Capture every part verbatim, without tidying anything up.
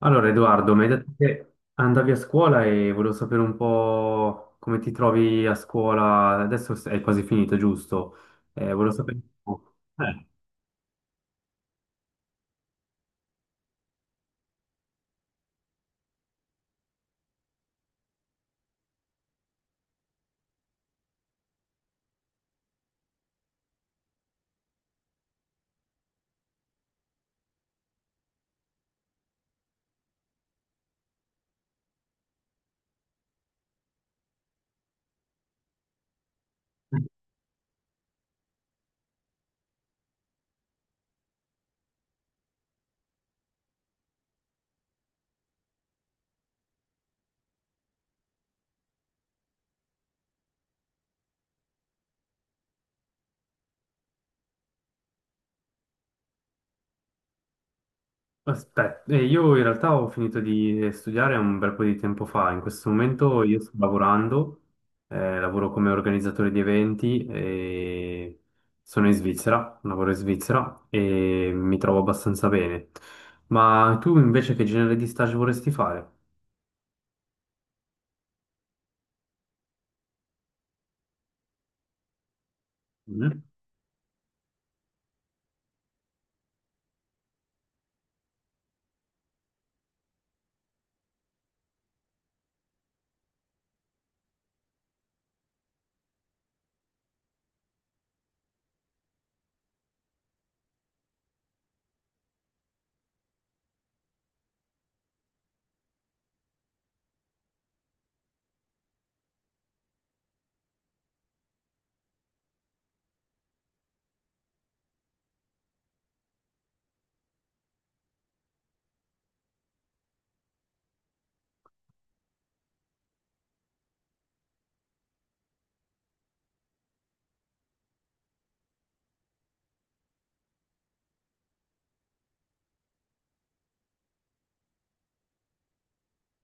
Allora, Edoardo, mi hai detto che andavi a scuola e volevo sapere un po' come ti trovi a scuola. Adesso è quasi finito, giusto? Eh, volevo sapere un po'. Eh, aspetta, eh, io in realtà ho finito di studiare un bel po' di tempo fa. In questo momento io sto lavorando, eh, lavoro come organizzatore di eventi e sono in Svizzera, lavoro in Svizzera e mi trovo abbastanza bene. Ma tu invece che genere di stage vorresti fare?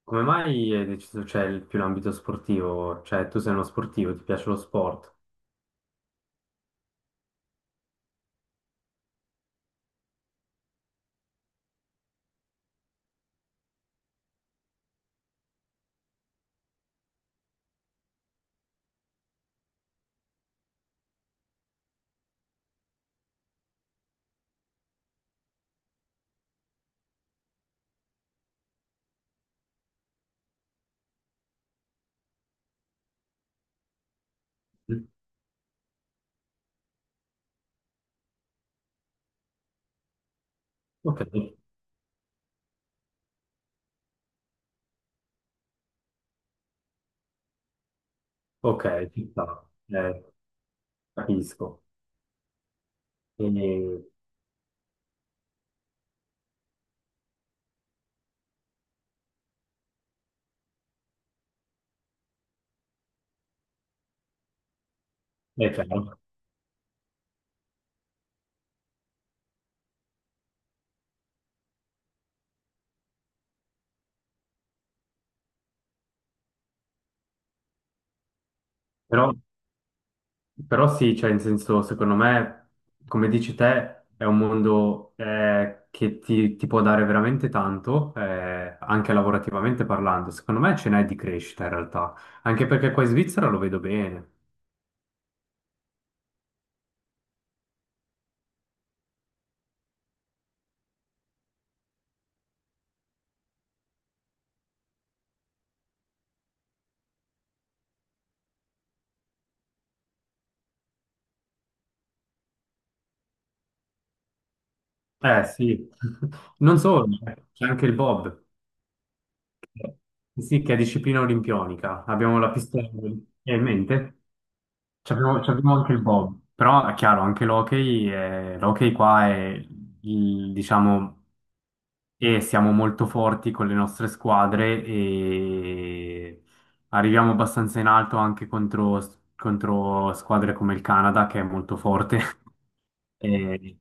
Come mai hai deciso, cioè, il- più l'ambito sportivo? Cioè, tu sei uno sportivo, ti piace lo sport? Mm. Ok, ok, ci sta, eh, capisco. E- è chiaro. Però, però sì, cioè, in senso, secondo me, come dici te, è un mondo eh, che ti, ti può dare veramente tanto, eh, anche lavorativamente parlando. Secondo me ce n'è di crescita, in realtà. Anche perché qua in Svizzera lo vedo bene. Eh, sì. Non solo, c'è anche il Bob. Sì, che è disciplina olimpionica. Abbiamo la pistola è in mente. Ci abbiamo, ci abbiamo anche il bob. Però è chiaro, anche l'hockey, è- l'hockey qua è, il- diciamo, e siamo molto forti con le nostre squadre e arriviamo abbastanza in alto anche contro, contro squadre come il Canada, che è molto forte. Eh,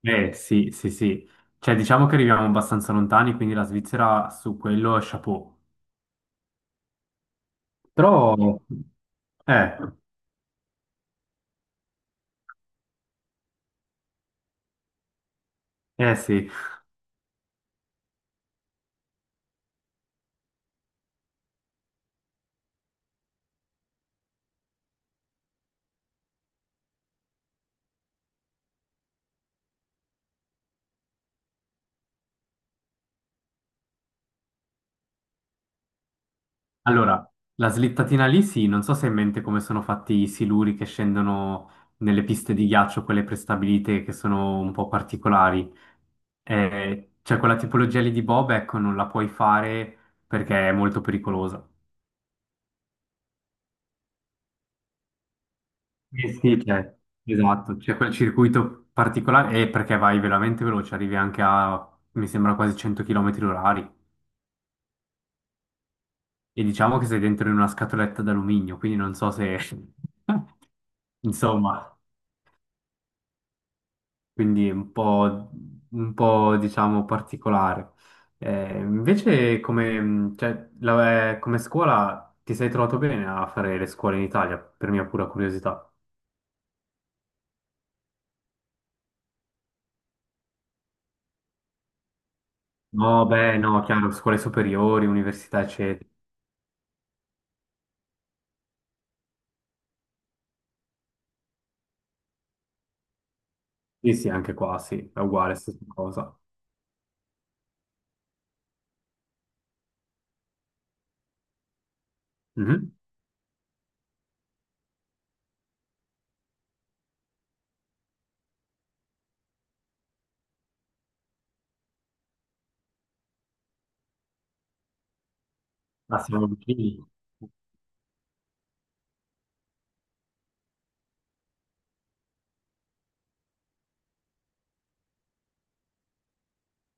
eh, sì, sì, sì. Cioè, diciamo che arriviamo abbastanza lontani, quindi la Svizzera su quello è chapeau. Però, eh, eh sì. Allora, la slittatina lì sì, non so se hai in mente come sono fatti i siluri che scendono nelle piste di ghiaccio, quelle prestabilite che sono un po' particolari. Eh, cioè, quella tipologia lì di Bob, ecco, non la puoi fare perché è molto pericolosa. Eh sì, cioè, esatto, c'è quel circuito particolare e perché vai veramente veloce, arrivi anche a, mi sembra, quasi cento chilometri orari. E diciamo che sei dentro in una scatoletta d'alluminio, quindi non so se... Insomma, quindi è un po', un po', diciamo particolare. Eh, invece come, mh, cioè, la- eh, come scuola ti sei trovato bene a fare le scuole in Italia, per mia pura curiosità? No, beh, no, chiaro, scuole superiori, università, eccetera. Sì, sì, anche qua, sì, è uguale, stessa cosa. Mhm. Ah, siamo vicini.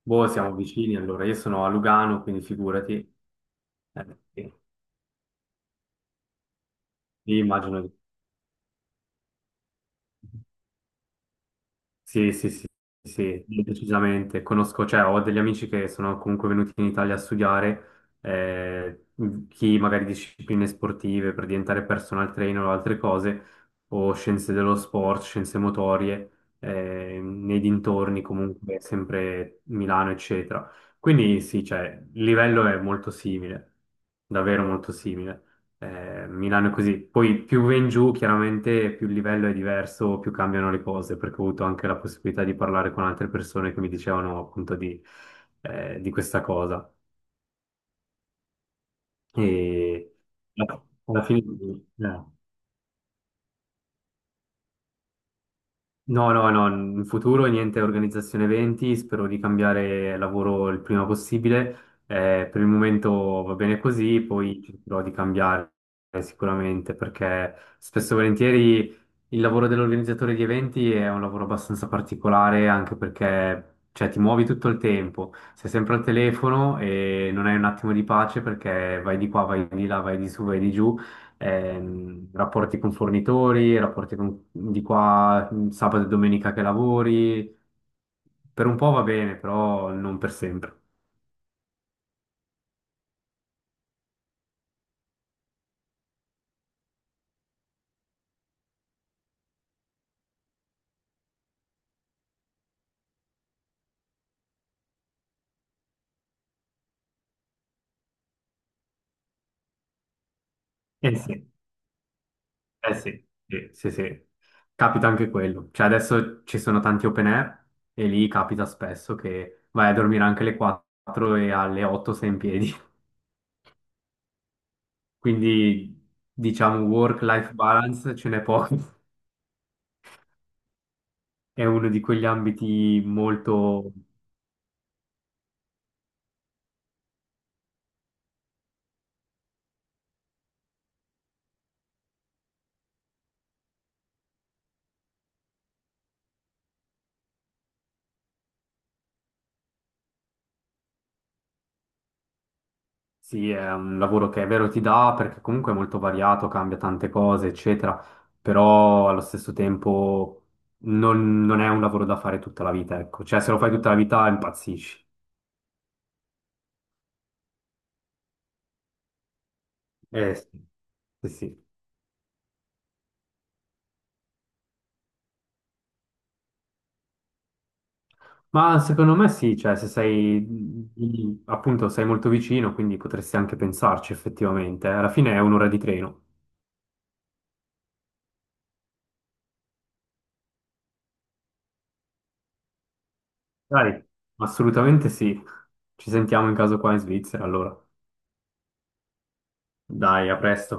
Boh, siamo vicini, allora, io sono a Lugano, quindi figurati. Eh, sì, sì, immagino. Sì, sì, sì, sì, sì, decisamente. Conosco, cioè, ho degli amici che sono comunque venuti in Italia a studiare, eh, mhmm, chi magari discipline sportive per diventare personal trainer o altre cose, o scienze dello sport, scienze motorie, eh, nei dintorni comunque, sempre Milano, eccetera. Quindi sì, cioè, il livello è molto simile, davvero molto simile. Eh, Milano è così. Poi più va in giù, chiaramente più il livello è diverso, più cambiano le cose, perché ho avuto anche la possibilità di parlare con altre persone che mi dicevano appunto di, eh, di questa cosa. E alla alla fine, eh. No, no, no, in futuro niente organizzazione eventi, spero di cambiare lavoro il prima possibile. Eh, per il momento va bene così, poi cercherò di cambiare sicuramente perché spesso e volentieri il lavoro dell'organizzatore di eventi è un lavoro abbastanza particolare anche perché cioè, ti muovi tutto il tempo, sei sempre al telefono e non hai un attimo di pace perché vai di qua, vai di là, vai di su, vai di giù ehm, rapporti con fornitori, rapporti con- di qua, sabato e domenica che lavori. Per un po' va bene, però non per sempre. Eh sì, eh sì, sì, sì, sì. Capita anche quello. Cioè adesso ci sono tanti open air e lì capita spesso che vai a dormire anche alle quattro e alle otto sei in piedi. Quindi diciamo work-life balance ce n'è poco. È uno di quegli ambiti molto. Sì, è un lavoro che è vero ti dà perché comunque è molto variato, cambia tante cose, eccetera, però allo stesso tempo non, non è un lavoro da fare tutta la vita, ecco. Cioè, se lo fai tutta la vita impazzisci. Eh, sì, sì, sì. Ma secondo me sì, cioè, se sei, lì, appunto, sei molto vicino, quindi potresti anche pensarci effettivamente. Eh. Alla fine è un'ora di treno. Dai, assolutamente sì. Ci sentiamo in caso qua in Svizzera, allora. Dai, a presto.